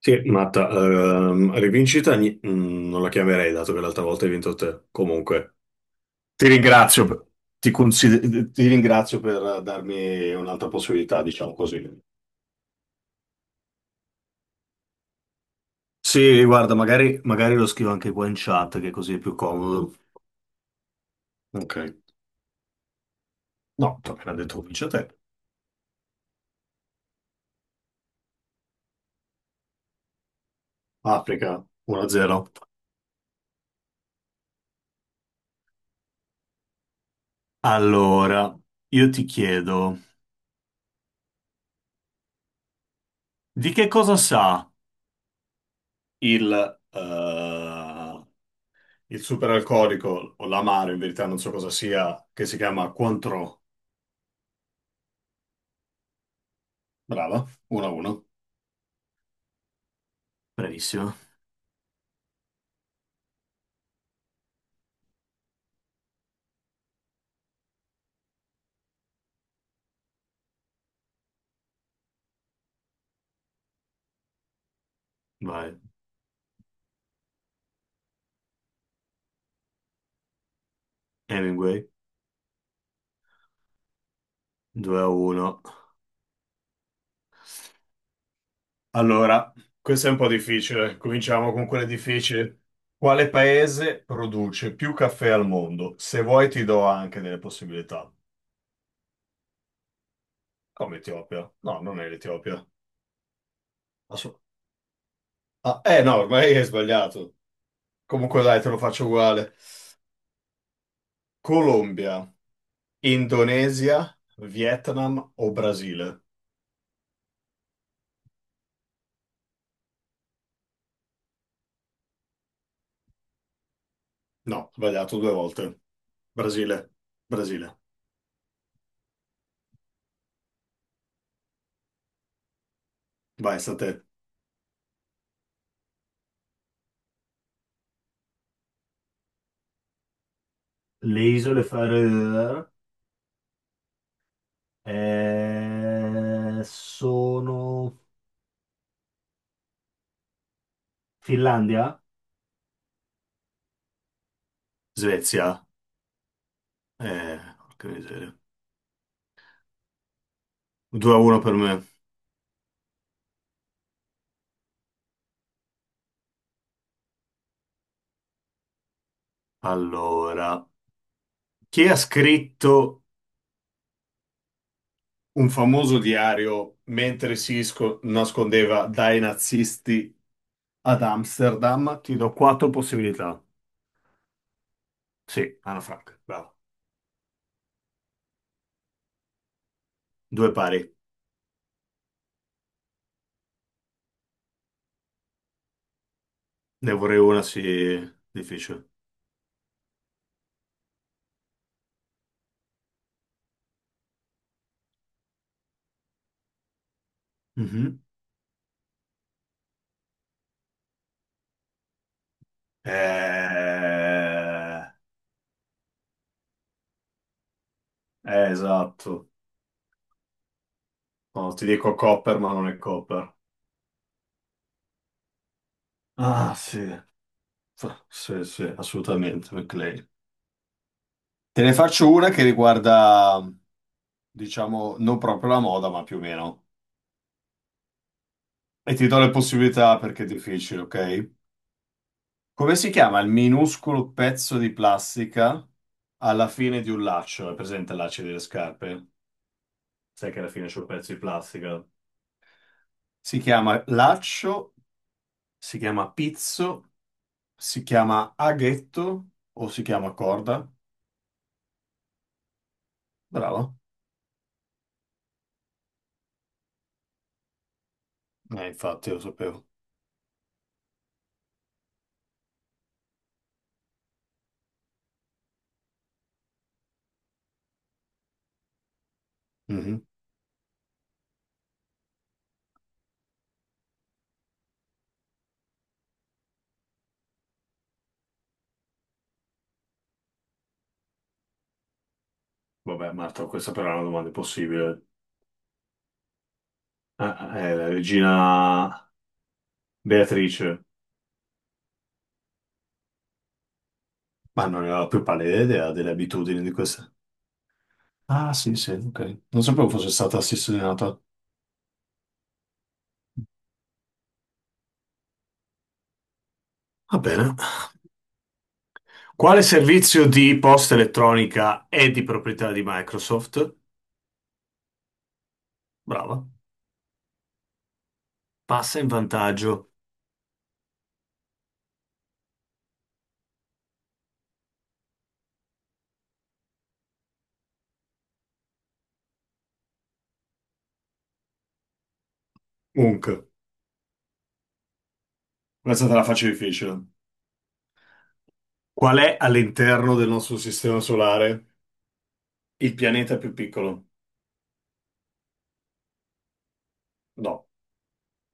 Sì, Matta, rivincita non la chiamerei, dato che l'altra volta hai vinto te. Comunque, ti ringrazio, ti ringrazio per darmi un'altra possibilità, diciamo così. Sì, guarda, magari lo scrivo anche qua in chat, che così è più comodo. Ok. No, tu appena detto vince te. Africa, 1-0. Allora, io ti chiedo, di che cosa sa il eh, Il superalcolico o l'amaro, in verità non so cosa sia, che si chiama Cointreau. Brava, 1-1. Bravissimo. Vai. Hemingway, 2-1. Allora, questo è un po' difficile. Cominciamo con quelle difficili. Quale paese produce più caffè al mondo? Se vuoi ti do anche delle possibilità. Come Etiopia? No, non è l'Etiopia. Assu- Ah, eh no, ormai hai sbagliato. Comunque dai, te lo faccio uguale. Colombia, Indonesia, Vietnam o Brasile? No, sbagliato due volte. Brasile, Brasile. Vai, sta a te. Le isole Faroe sono Finlandia? Svezia. Porca miseria. 2-1 per me. Allora, chi ha scritto un famoso diario mentre si nascondeva dai nazisti ad Amsterdam? Ti do quattro possibilità. Sì, Anna Frank, bravo. Due pari. Ne vorrei una, sì, difficile. Mhm. Eh, eh, esatto. No, ti dico Copper, ma non è Copper. Ah, sì. Sì, sì, assolutamente, McLean. Te ne faccio una che riguarda, diciamo, non proprio la moda, ma più o meno. E ti do le possibilità perché è difficile, ok? Come si chiama il minuscolo pezzo di plastica alla fine di un laccio? È presente il laccio delle scarpe? Sai che alla fine c'è un pezzo di plastica. Si chiama laccio, si chiama pizzo, si chiama aghetto o si chiama corda. Bravo. Infatti, lo sapevo. Mhm. Vabbè, Marta, questa però è una domanda impossibile. Ah, la regina Beatrice. Ma non ne ho la più pallida idea delle abitudini di queste. Ah, sì, sì, ok. Non sapevo fosse stata assassinata. Va bene. Quale servizio di posta elettronica è di proprietà di Microsoft? Brava. Passa in vantaggio. Comunque, questa te la faccio difficile. Qual è all'interno del nostro sistema solare il pianeta più piccolo? No,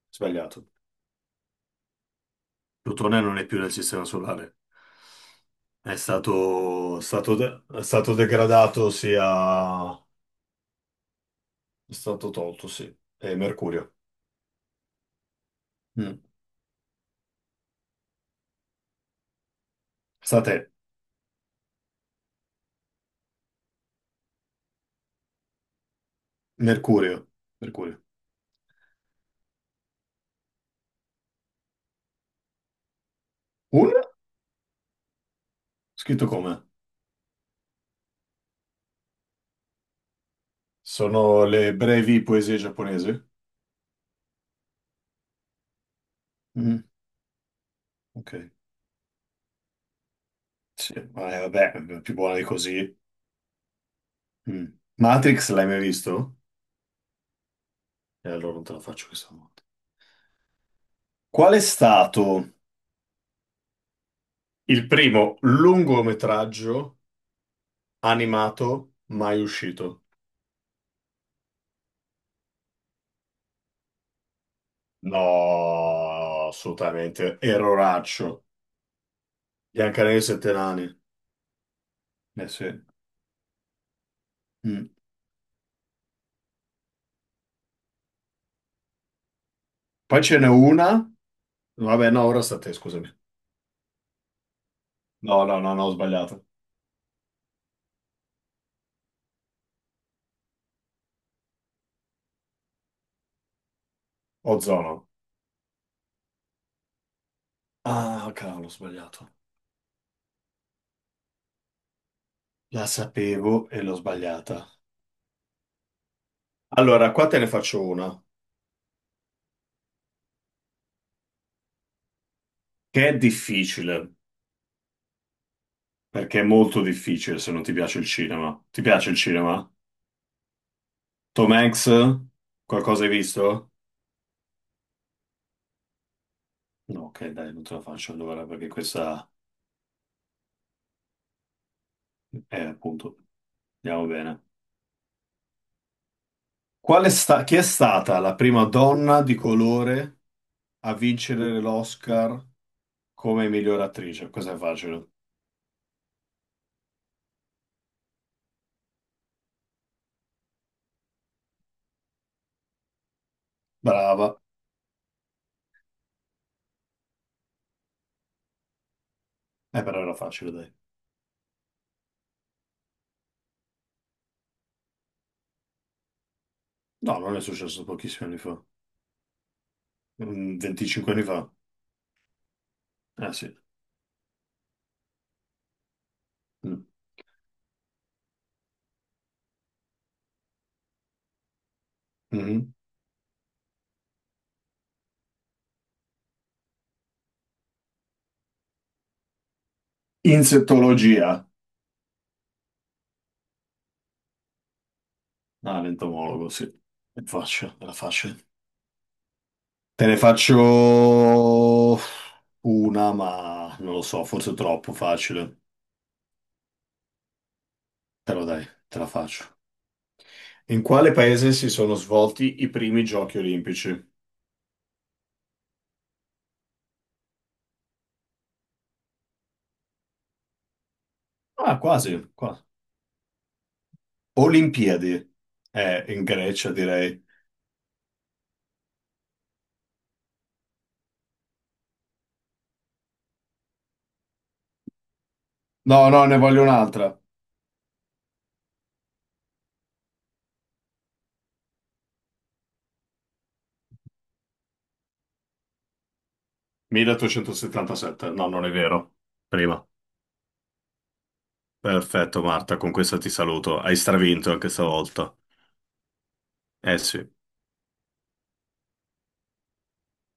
sbagliato. Plutone non è più nel sistema solare. È stato degradato, è stato tolto, sì. È Mercurio. Mm. Sta a te. Mercurio. Mercurio. Un? Scritto come? Sono le brevi poesie giapponesi? Mm. Ok. Sì, ma, vabbè, più buona di così. Mm. Matrix l'hai mai visto? E allora non te la faccio questa volta. Qual è stato il primo lungometraggio animato mai uscito? No, assolutamente. Erroraccio. Biancaneve e i sette nani. Eh sì. Mm. Poi ce n'è una. Vabbè, no, ora sta a te, scusami. No, no, no, no, ho sbagliato. Ozono. Ah, cavolo, ho sbagliato. La sapevo e l'ho sbagliata. Allora, qua te ne faccio una, che è difficile. Perché è molto difficile se non ti piace il cinema. Ti piace il cinema? Tom Hanks? Qualcosa hai visto? No, ok, dai, non te la faccio allora perché questa è appunto. Andiamo bene. Chi è stata la prima donna di colore a vincere l'Oscar come miglior attrice? Questa è facile. Brava. Però era facile, dai. No, non è successo pochissimi anni fa. 25 anni fa. Ah, sì. Mm. Mhm. Insettologia. Ah, l'entomologo, sì. È facile, era facile. Te ne faccio una, ma non lo so, forse troppo facile. Però dai, te la faccio. In quale paese si sono svolti i primi giochi olimpici? Ah, quasi, quasi. Olimpiadi. In Grecia, direi. No, no, ne voglio un'altra. 1877. No, non è vero. Prima. Perfetto, Marta, con questa ti saluto. Hai stravinto anche stavolta. Eh sì.